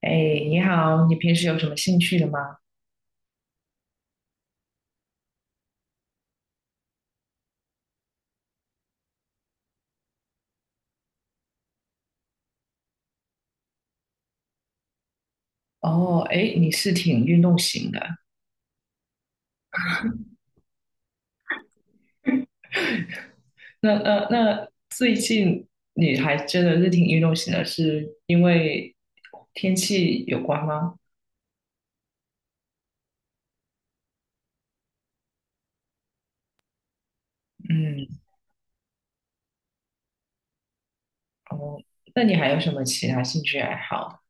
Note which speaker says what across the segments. Speaker 1: 哎，你好，你平时有什么兴趣的吗？哦，哎，你是挺运动型的。那，最近你还真的是挺运动型的，是因为天气有关吗？嗯，哦，那你还有什么其他兴趣爱好？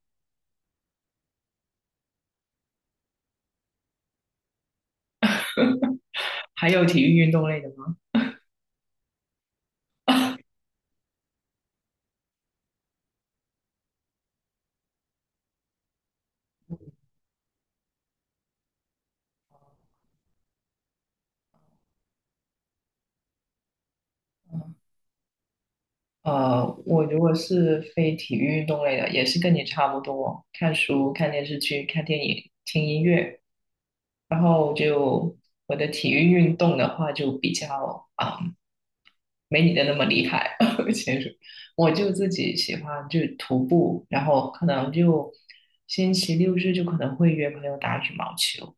Speaker 1: 还有体育运动类的吗？我如果是非体育运动类的，也是跟你差不多，看书、看电视剧、看电影、听音乐。然后就我的体育运动的话，就比较啊、没你的那么厉害。其实我就自己喜欢就徒步，然后可能就星期六日就可能会约朋友打羽毛球。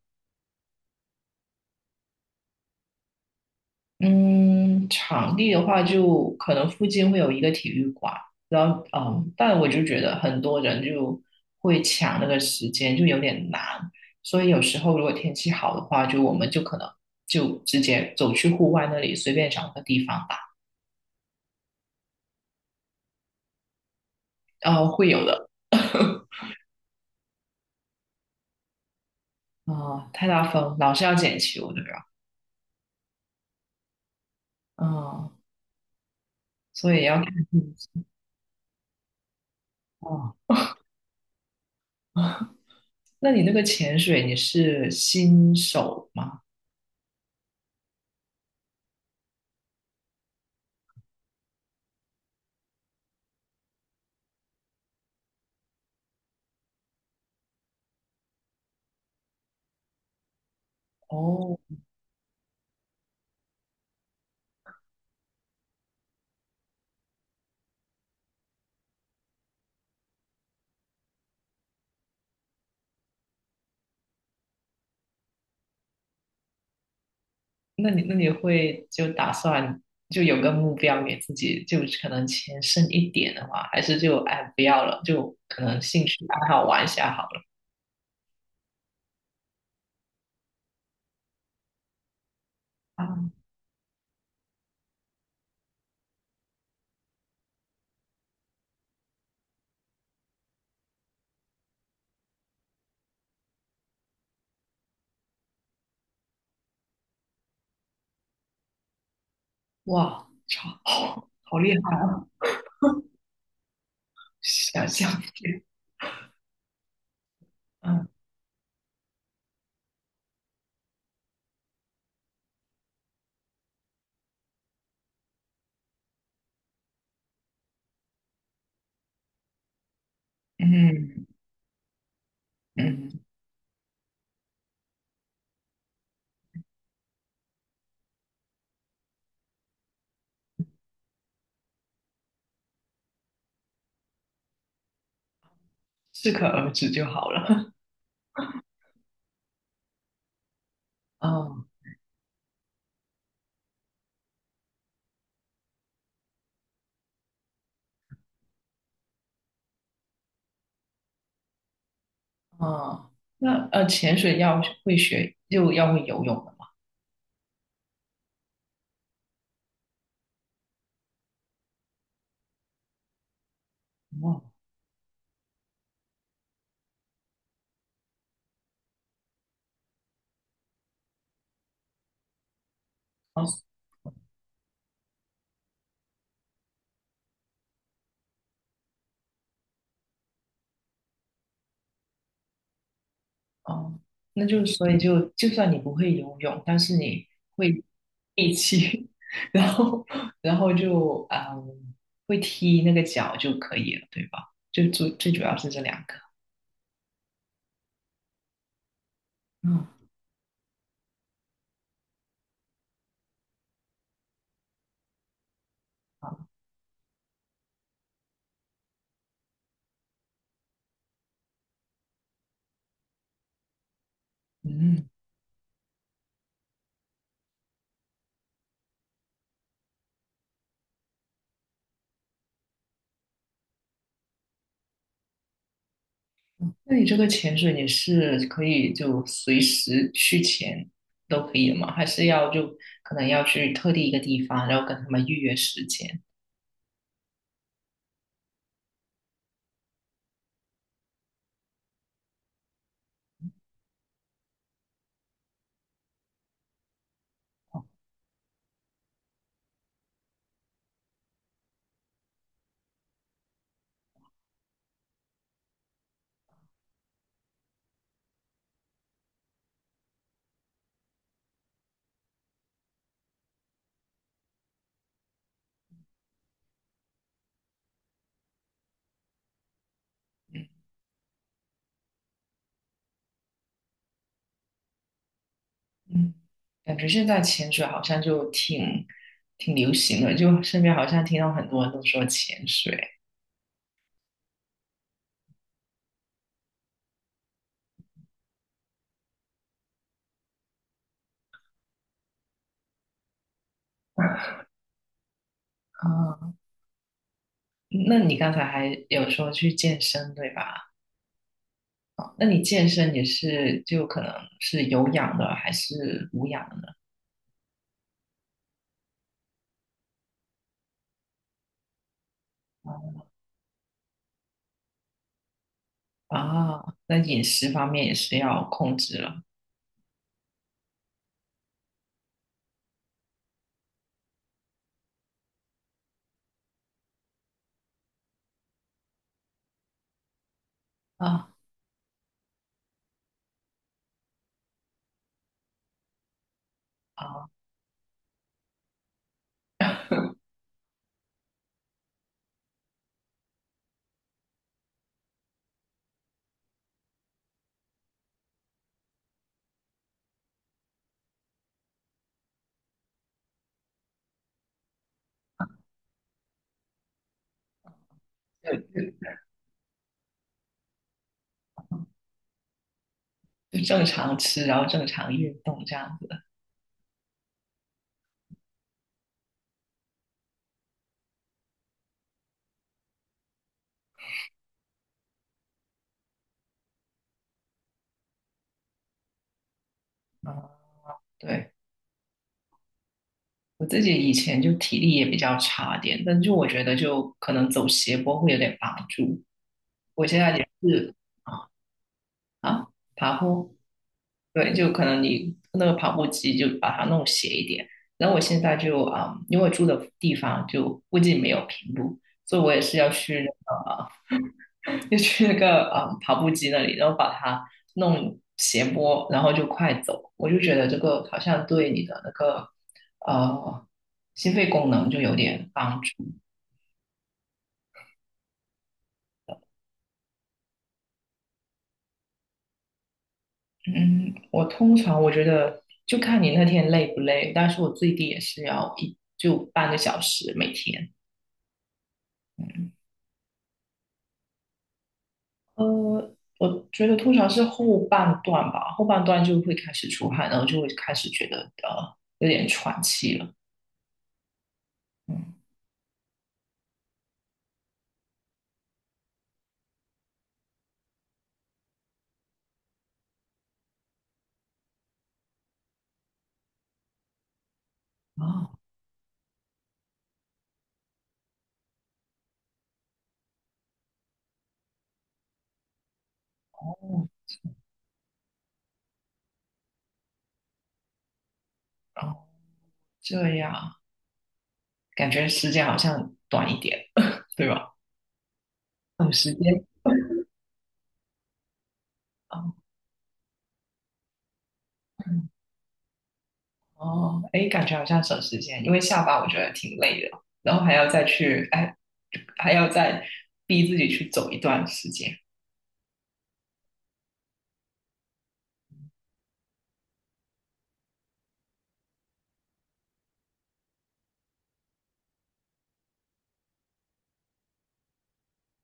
Speaker 1: 嗯，场地的话，就可能附近会有一个体育馆，然后嗯，但我就觉得很多人就会抢那个时间，就有点难。所以有时候如果天气好的话，就我们就可能就直接走去户外那里随便找个地方打，会有的。啊、太大风，老是要捡球的呀。嗯，所以要看天气。哦，那你那个潜水你是新手吗？哦，那你会就打算就有个目标给自己，就可能钱剩一点的话，还是就哎不要了，就可能兴趣爱好玩一下好了。啊，哇，超好，好厉害，想象力，嗯嗯嗯，适可而止就好了。嗯嗯，那潜水要会学，就要会游泳的嘛？哦，哦，那就所以就算你不会游泳，但是你会力气，然后然后就会踢那个脚就可以了，对吧？就最最主要是这两个。嗯，好，嗯，那你这个潜水你是可以就随时去潜都可以的吗？还是要就可能要去特定一个地方，然后跟他们预约时间？嗯，感觉现在潜水好像就挺挺流行的，就身边好像听到很多人都说潜水。啊，那你刚才还有说去健身，对吧？那你健身也是就可能是有氧的还是无氧的呢？啊，那饮食方面也是要控制了啊啊，就就就正常吃，然后正常运动这样子。啊，对。我自己以前就体力也比较差点，但就我觉得就可能走斜坡会有点帮助。我现在也是啊啊，爬坡，对，就可能你那个跑步机就把它弄斜一点。然后我现在就啊、因为我住的地方就附近没有平路，所以我也是要去那个就去那个啊、跑步机那里，然后把它弄斜坡，然后就快走。我就觉得这个好像对你的那个呃心肺功能就有点帮助。嗯，我通常我觉得就看你那天累不累，但是我最低也是要一就半个小时每天。呃，我觉得通常是后半段吧，后半段就会开始出汗，然后就会开始觉得有点喘气了。嗯，啊，哦，这样感觉时间好像短一点，对吧？省时间哦嗯哦，哎，感觉好像省时间，因为下班我觉得挺累的，然后还要再去，哎，还要再逼自己去走一段时间。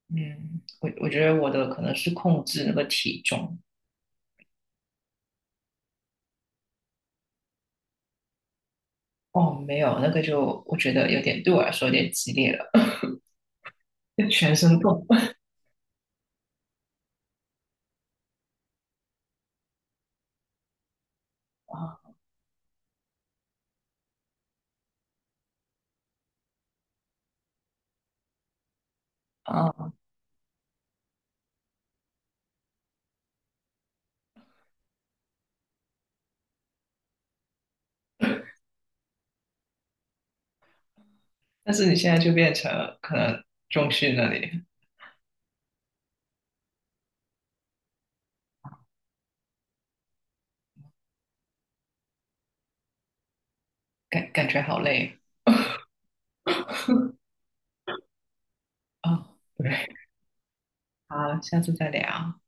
Speaker 1: 嗯，我觉得我的可能是控制那个体重，哦，没有，那个就我觉得有点对我来说有点激烈了，全身痛啊 啊！但是你现在就变成可能中训那里，感感觉好累啊，对。好，下次再聊。